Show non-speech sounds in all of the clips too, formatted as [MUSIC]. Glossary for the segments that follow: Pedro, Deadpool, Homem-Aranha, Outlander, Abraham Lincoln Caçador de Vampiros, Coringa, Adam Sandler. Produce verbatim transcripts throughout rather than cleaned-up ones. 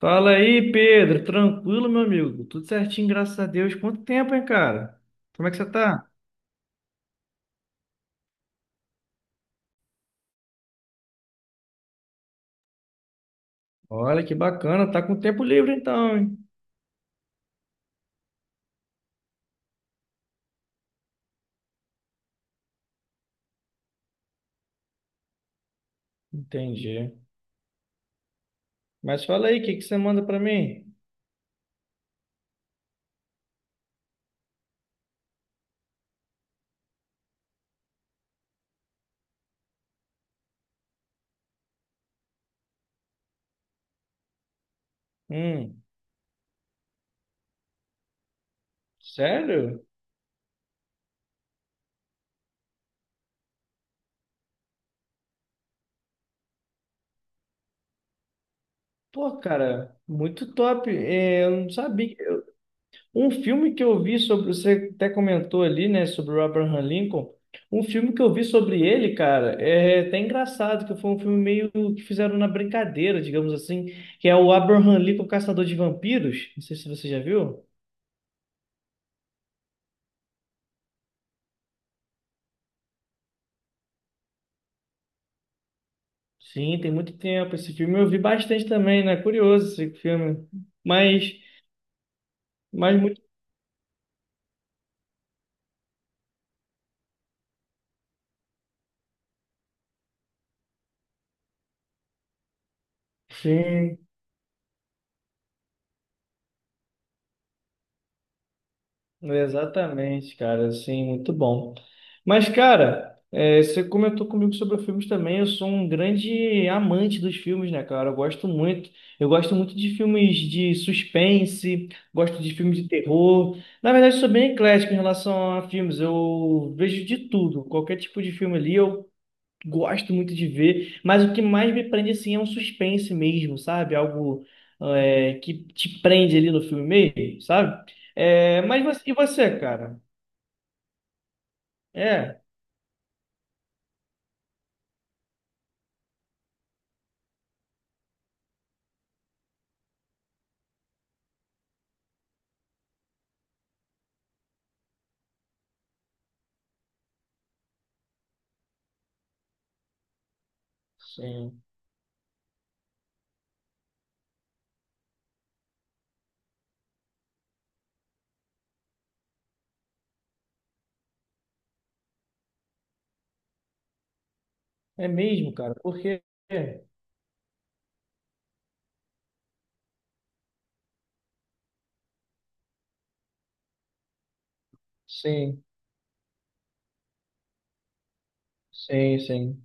Fala aí, Pedro. Tranquilo, meu amigo? Tudo certinho, graças a Deus. Quanto tempo, hein, cara? Como é que você tá? Olha que bacana, tá com tempo livre então, hein? Entendi. Mas fala aí, o que que você manda pra mim? Hum, sério? Pô, cara, muito top. É, eu não sabia. Um filme que eu vi sobre, você até comentou ali, né, sobre o Abraham Lincoln. Um filme que eu vi sobre ele, cara, é até engraçado, que foi um filme meio que fizeram na brincadeira, digamos assim, que é o Abraham Lincoln Caçador de Vampiros. Não sei se você já viu. Sim, tem muito tempo esse filme. Eu vi bastante também, né? Curioso esse filme. Mas, mas muito. Sim. Exatamente, cara, assim, muito bom. Mas, cara, é, você comentou comigo sobre filmes também. Eu sou um grande amante dos filmes, né, cara? Eu gosto muito. Eu gosto muito de filmes de suspense, gosto de filmes de terror. Na verdade, eu sou bem eclético em relação a filmes. Eu vejo de tudo, qualquer tipo de filme ali. Eu gosto muito de ver, mas o que mais me prende assim é um suspense mesmo, sabe? Algo é, que te prende ali no filme mesmo, sabe? É, mas você- e você, cara? É, sim, é mesmo, cara, porque sim, sim, sim.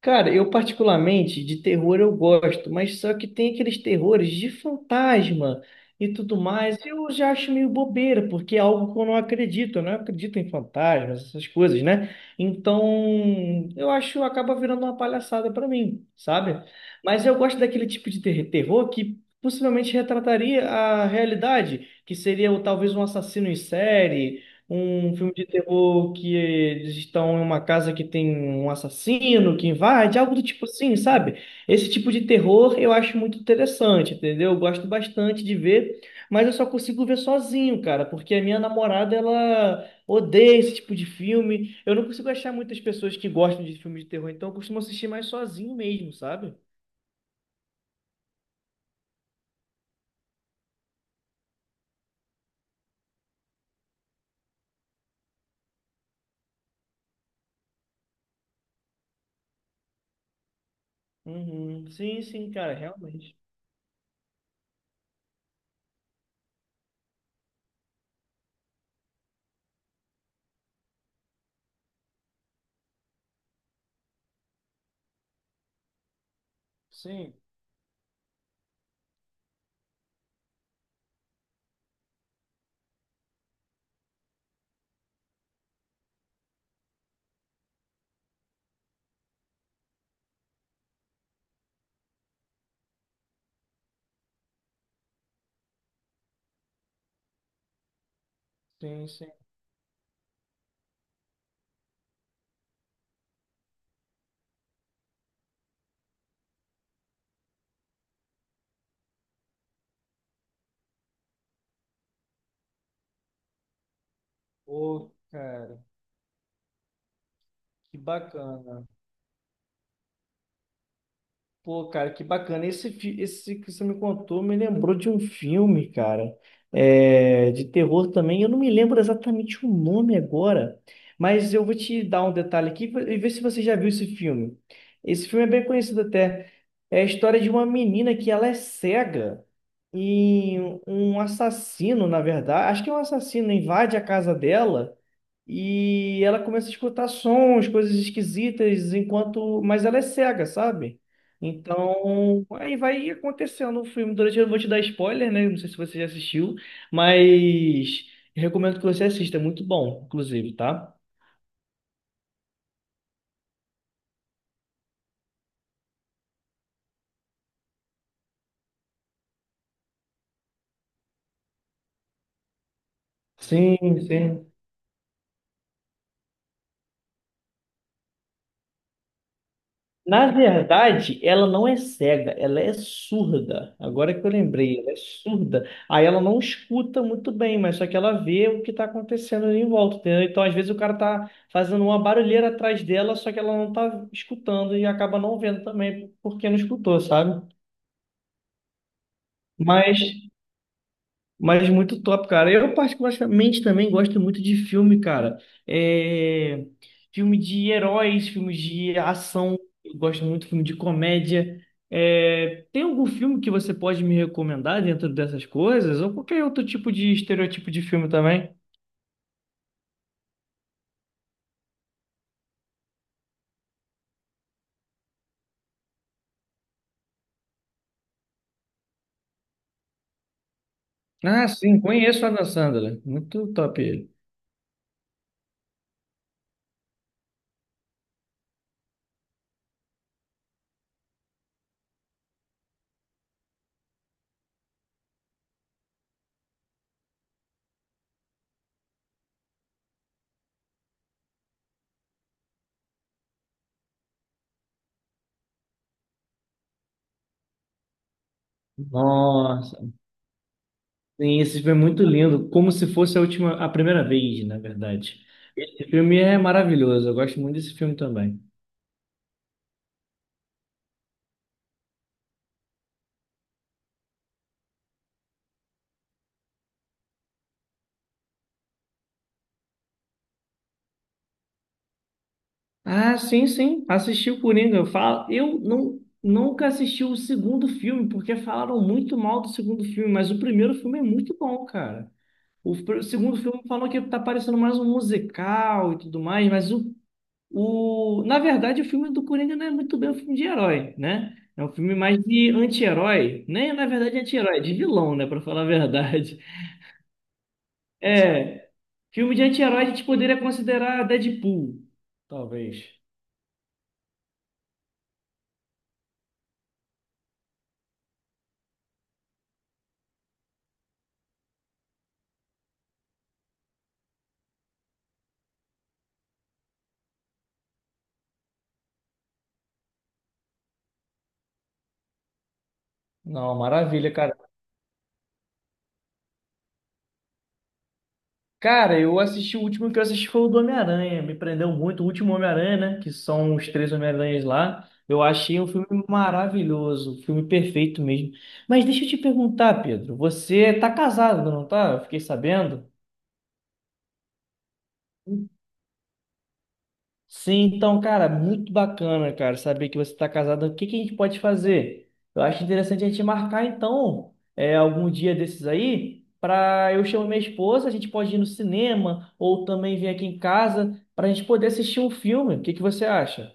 Cara, eu particularmente de terror eu gosto, mas só que tem aqueles terrores de fantasma e tudo mais. Eu já acho meio bobeira, porque é algo que eu não acredito, eu não acredito em fantasmas, essas coisas, né? Então, eu acho acaba virando uma palhaçada pra mim, sabe? Mas eu gosto daquele tipo de ter- terror que possivelmente retrataria a realidade, que seria o- talvez um assassino em série, um filme de terror que eles estão em uma casa que tem um assassino que invade, algo do tipo assim, sabe? Esse tipo de terror eu acho muito interessante, entendeu? Eu gosto bastante de ver, mas eu só consigo ver sozinho, cara, porque a minha namorada, ela odeia esse tipo de filme. Eu não consigo achar muitas pessoas que gostam de filme de terror, então eu costumo assistir mais sozinho mesmo, sabe? Uhum. Sim, sim, cara, realmente. Sim, sim, sim. Pô, cara, que bacana. Pô, cara, que bacana. Esse, fi- esse que você me contou me lembrou de um filme, cara, é, de terror também. Eu não me lembro exatamente o nome agora, mas eu vou te dar um detalhe aqui e ver se você já viu esse filme. Esse filme é bem conhecido até. É a história de uma menina que ela é cega e um assassino, na verdade, acho que é um assassino, invade a casa dela. E ela começa a escutar sons, coisas esquisitas, enquanto. Mas ela é cega, sabe? Então, aí vai acontecendo o filme. Durante, eu vou te dar spoiler, né? Não sei se você já assistiu, mas eu recomendo que você assista, é muito bom, inclusive, tá? Sim, sim. Na verdade, ela não é cega, ela é surda. Agora que eu lembrei, ela é surda. Aí ela não escuta muito bem, mas só que ela vê o que está acontecendo ali em volta, entendeu? Então, às vezes, o cara tá fazendo uma barulheira atrás dela, só que ela não tá escutando e acaba não vendo também porque não escutou, sabe? Mas Mas muito top, cara. Eu particularmente também gosto muito de filme, cara. É... Filme de heróis, filmes de ação. Eu gosto muito de filme de comédia. É, tem algum filme que você pode me recomendar dentro dessas coisas? Ou qualquer outro tipo de estereotipo de filme também? Ah, sim, conheço o Adam Sandler. Muito top ele. Nossa, sim, esse filme é muito lindo, como se fosse a última, a primeira vez, na verdade. Esse filme é maravilhoso, eu gosto muito desse filme também. Ah, sim, sim. Assisti o Coringa. Eu falo, eu não, nunca assisti o segundo filme, porque falaram muito mal do segundo filme, mas o primeiro filme é muito bom, cara. O, pr- o segundo filme falam que tá parecendo mais um musical e tudo mais, mas o, o, na verdade, o filme do Coringa não é muito bem um filme de herói, né? É um filme mais de anti-herói, nem na verdade anti-herói, de vilão, né, pra falar a verdade. [LAUGHS] É, filme de anti-herói a gente poderia considerar Deadpool, talvez. Não, maravilha, cara. Cara, eu assisti, o último que eu assisti foi o do Homem-Aranha, me prendeu muito, o último Homem-Aranha, né, que são os três Homem-Aranhas lá, eu achei um filme maravilhoso, um filme perfeito mesmo. Mas deixa eu te perguntar, Pedro, você tá casado, não tá? Eu fiquei sabendo. Sim, então, cara, muito bacana, cara, saber que você está casado. O que que a gente pode fazer? Eu acho interessante a gente marcar, então, é, algum dia desses aí, para eu chamar minha esposa, a gente pode ir no cinema ou também vir aqui em casa para a gente poder assistir um filme. O que que você acha?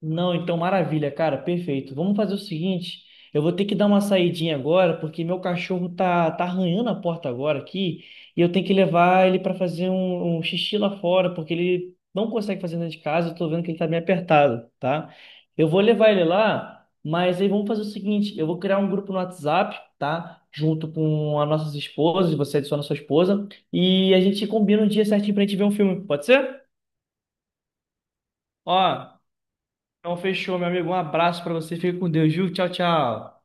Não, então maravilha, cara, perfeito. Vamos fazer o seguinte, eu vou ter que dar uma saidinha agora, porque meu cachorro tá, tá arranhando a porta agora aqui, e eu tenho que levar ele para fazer um, um xixi lá fora, porque ele não consegue fazer dentro de casa, eu tô vendo que ele tá bem apertado, tá? Eu vou levar ele lá, mas aí vamos fazer o seguinte, eu vou criar um grupo no WhatsApp, tá? Junto com as nossas esposas, você adiciona a sua esposa, e a gente combina um dia certinho pra gente ver um filme, pode ser? Ó, então, fechou, meu amigo. Um abraço pra você. Fica com Deus, viu? Tchau, tchau.